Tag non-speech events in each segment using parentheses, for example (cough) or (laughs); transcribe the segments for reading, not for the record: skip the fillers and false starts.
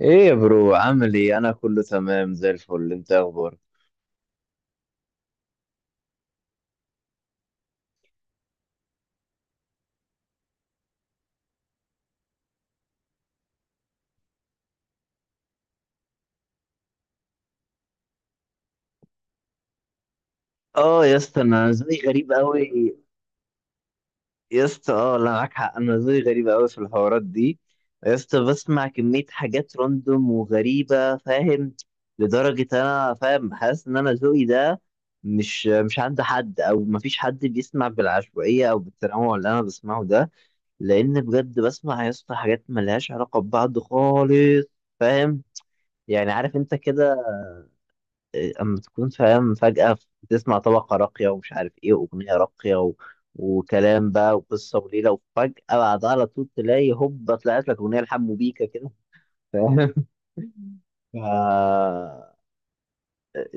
ايه يا برو؟ عامل ايه؟ انا كله تمام زي الفل. انت اخبارك؟ اه يا اسطى، انا زي غريب قوي. يا اسطى، اه لا، معاك حق، انا زي غريب قوي في الحوارات دي. يا اسطى، بسمع كميه حاجات راندوم وغريبه، فاهم؟ لدرجه انا فاهم، حاسس ان انا ذوقي ده مش عند حد، او مفيش حد بيسمع بالعشوائيه او بالتنوع اللي انا بسمعه ده. لان بجد بسمع يا اسطى حاجات ملهاش علاقه ببعض خالص، فاهم؟ يعني عارف انت كده؟ اما تكون فاهم فجأة، بتسمع طبقة راقية ومش عارف ايه واغنية راقية وكلام بقى وقصة وليلة، وفجأة بعدها على طول تلاقي هوبا طلعت لك اغنية لحمو بيكا كده، فاهم؟ (laughs) ف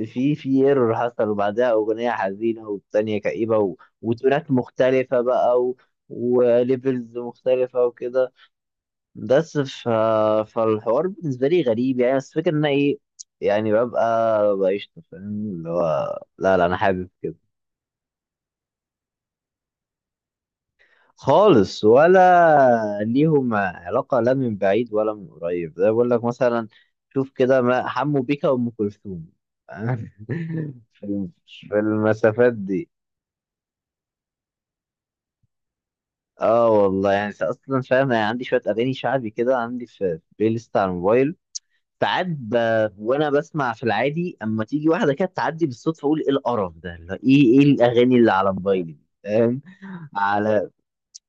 في ايرور حصل، وبعدها اغنية حزينة والتانية كئيبة وتونات مختلفة بقى وليفلز مختلفة وكده. بس فالحوار بالنسبة لي غريب يعني، بس فكرة ان أنا ايه، يعني ببقى بقشطة، فاهم؟ اللي هو لا لا، انا حابب كده. خالص، ولا ليهم علاقة لا من بعيد ولا من قريب، زي بقول لك مثلا، شوف كده، ما حمو بيكا وأم كلثوم. (laughs) في المسافات دي. اه والله يعني، اصلا فاهم يعني، عندي شوية اغاني شعبي كده، عندي في بلاي ليست على الموبايل. ساعات وانا بسمع في العادي، اما تيجي واحده كده تعدي بالصدفه، اقول ايه القرف ده؟ اللي هو ايه الاغاني اللي على موبايلي دي؟ فاهم؟ على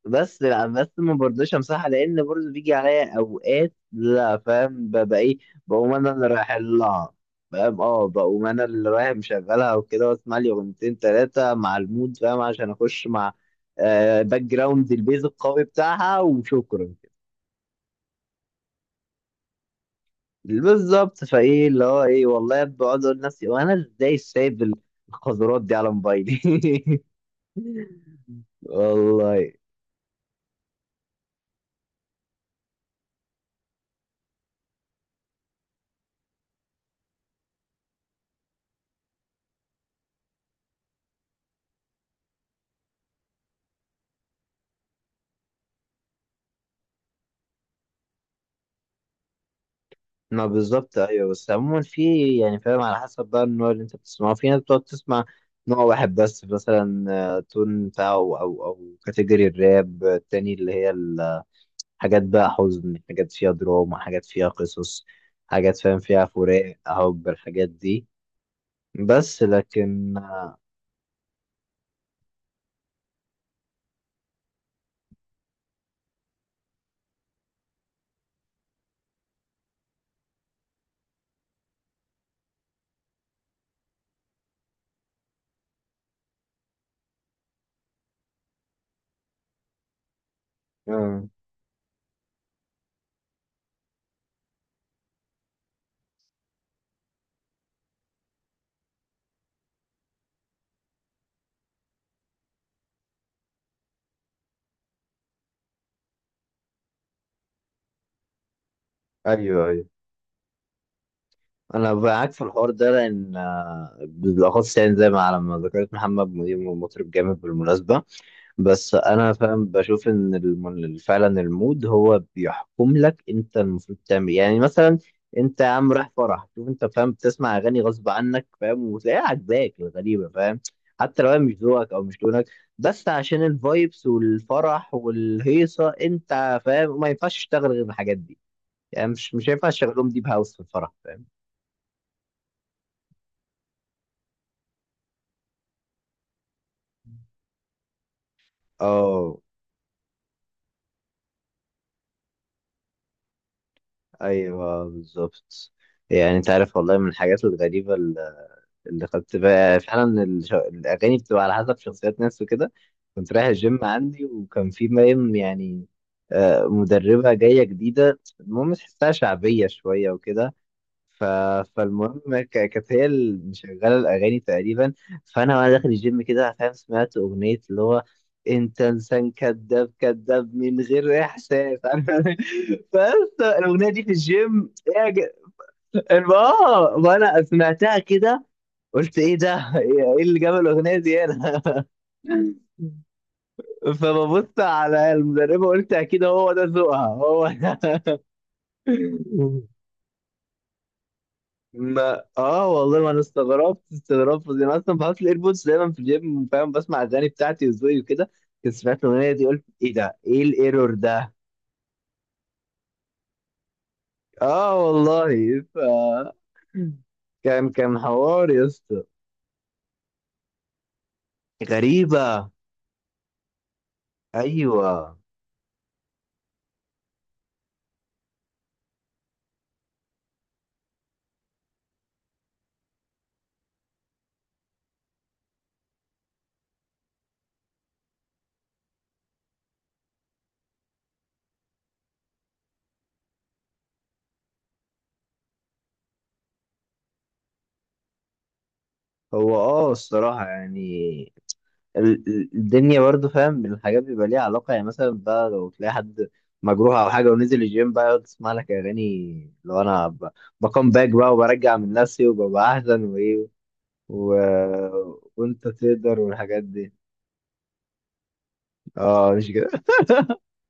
بس، لا بس ما برضوش امسحها، لان برضه بيجي عليا اوقات لا فاهم، ببقى ايه، بقوم انا اللي رايح لها، فاهم؟ اه، بقوم انا اللي رايح مشغلها وكده واسمع لي اغنيتين ثلاثه مع المود، فاهم؟ عشان اخش مع باك جراوند البيز القوي بتاعها، وشكرا. بالظبط، فايه اللي هو ايه، والله بقعد اقول لنفسي وانا ازاي سايب القذرات دي على موبايلي؟ (laughs) والله. ما بالظبط ايوه، بس عموما في، يعني فاهم، على حسب بقى النوع اللي انت بتسمعه، في ناس بتقعد تسمع نوع واحد بس، مثلا تون بتاعه، او كاتيجوري الراب، التاني اللي هي الحاجات بقى حزن، حاجات فيها دراما، حاجات فيها قصص، حاجات فاهم فيها فراق حب الحاجات دي. بس لكن آه، ايوه ايوه، انا معاك في الحوار ده لان بالاخص يعني، زي ما على ما ذكرت محمد منير مطرب جامد بالمناسبه. بس انا فاهم بشوف ان فعلا المود هو بيحكم لك، انت المفروض تعمل يعني، مثلا انت يا عم رايح فرح، شوف انت، فاهم؟ بتسمع اغاني غصب عنك، فاهم؟ وتلاقيها عاجباك الغريبه، فاهم؟ حتى لو هي مش ذوقك او مش لونك، بس عشان الفايبس والفرح والهيصه، انت فاهم، ما ينفعش تشتغل غير الحاجات دي. يعني مش هينفع تشغلهم ديب هاوس في الفرح، فاهم؟ اه، ايوه، بالظبط. يعني انت عارف، والله من الحاجات الغريبه اللي خدت بقى فعلا، الاغاني بتبقى على حسب شخصيات ناس وكده. كنت رايح الجيم عندي وكان في مريم يعني، مدربه جايه جديده، المهم تحسها شعبيه شويه وكده. ف... فالمهم كانت هي اللي مشغله الاغاني تقريبا. فانا وانا داخل الجيم كده، فاهم، سمعت اغنيه اللي هو انت انسان كذاب كذاب من غير احساس. (laughs) انا بس، الاغنيه دي في الجيم ايه يا اه، وانا سمعتها كده، قلت ايه ده؟ (laughs) ايه اللي جاب الاغنيه دي هنا؟ (laughs) فببص على المدربه، قلت اكيد هو ده ذوقها، هو ده. (laughs) ما اه والله، ما انا استغربت استغربت يعني. انا اصلا بحط الايربودز دايما في الجيب، فاهم، بسمع اغاني بتاعتي وذوقي وكده، كنت سمعت الاغنيه دي قلت ايه ده؟ ايه الايرور ده؟ اه والله كان حوار يا اسطى غريبه. ايوه. هو الصراحه يعني، الدنيا برضو، فاهم، الحاجات بيبقى ليها علاقة، يعني مثلا بقى لو تلاقي حد مجروح أو حاجة ونزل الجيم بقى يقعد يسمع لك أغاني، لو أنا بكم باك بقى، وبرجع من نفسي وببقى أحسن، وإيه و... وأنت تقدر والحاجات دي. أه، مش كده.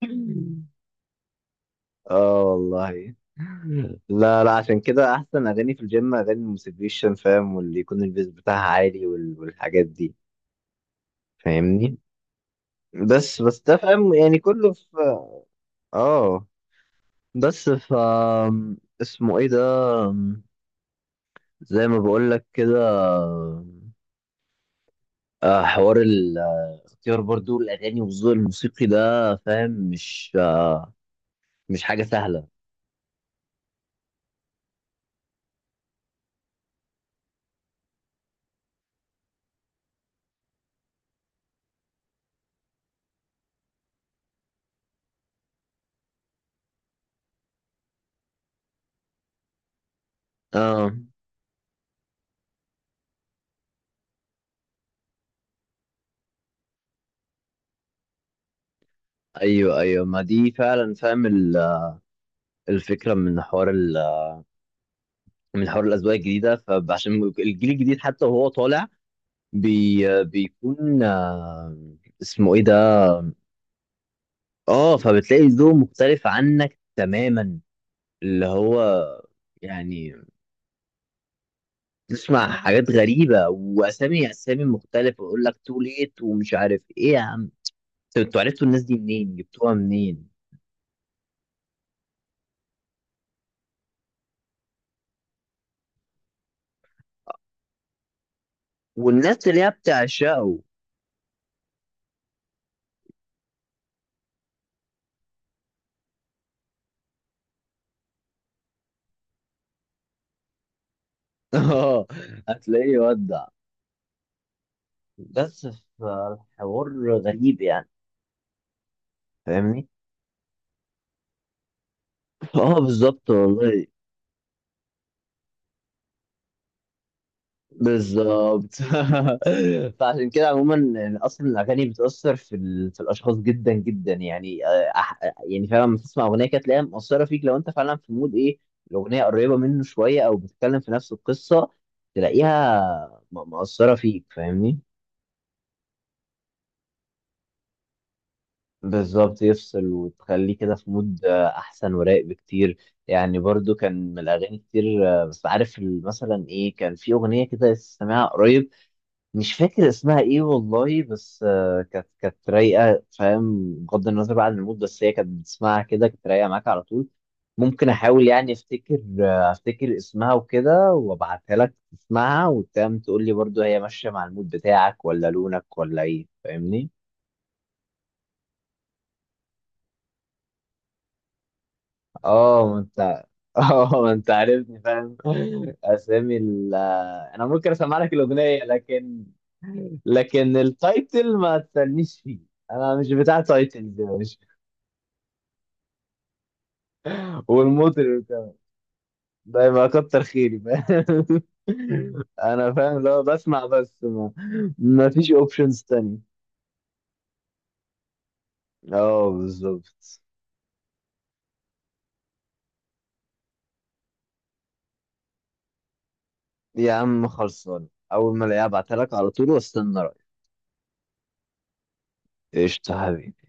(laughs) أه والله، لا لا، عشان كده أحسن أغاني في الجيم أغاني الموتيفيشن، فاهم، واللي يكون البيز بتاعها عالي والحاجات دي. فاهمني؟ بس ده فاهم يعني كله في. اه، بس اسمه ايه ده؟ زي ما بقول لك كده، حوار الاختيار برضو الاغاني والذوق الموسيقي ده، فاهم، مش حاجه سهله. اه، ايوه ايوه، ما دي فعلا، فاهم، الفكره من حوار الاذواق الجديده، فعشان الجيل الجديد حتى وهو طالع، بيكون اسمه ايه ده؟ اه، فبتلاقي ذوق مختلف عنك تماما، اللي هو، يعني تسمع حاجات غريبة وأسامي مختلفة، ويقول لك تو ليت ومش عارف إيه يا عم. طب أنتوا عرفتوا الناس دي منين؟ جبتوها منين؟ والناس اللي هي بتعشقه! (laughs) آه، هتلاقيه يودع، بس، فالحوار غريب يعني، فاهمني؟ (laughs) آه، بالظبط والله. بالظبط. (laughs) فعشان كده عموما يعني، اصلا الاغاني بتاثر في الاشخاص جدا جدا يعني يعني فعلا لما تسمع اغنيه كده تلاقيها مؤثره فيك، لو انت فعلا في مود ايه الاغنيه قريبه منه شويه، او بتتكلم في نفس القصه، تلاقيها مؤثره فيك، فاهمني؟ بالظبط يفصل، وتخليه كده في مود احسن ورايق بكتير. يعني برضو، كان من الاغاني كتير، بس عارف، مثلا ايه، كان في اغنيه كده سامعها قريب، مش فاكر اسمها ايه والله، بس كانت رايقه، فاهم، بغض النظر بقى عن المود، بس هي كانت بتسمعها كده، كانت رايقه معاك على طول. ممكن احاول يعني افتكر اسمها وكده، وابعتها لك تسمعها وتم تقول لي برضو هي ماشيه مع المود بتاعك، ولا لونك ولا ايه، فاهمني؟ اه، ما انت، (laughs) اه، ما انت عارفني، فاهم؟ (laughs) اسامي ال آه، انا ممكن اسمع لك الاغنيه، لكن التايتل ما تسالنيش فيه، انا مش بتاع تايتلز. والمطرب كمان، ده يبقى كتر خيري، فاهم؟ (laughs) انا فاهم، لو بسمع، بس ما فيش اوبشنز تانية. اه، بالظبط. يا عم خلصان، اول ما الاقيها ابعتها لك على طول، واستنى رايك. قشطة حبيبي.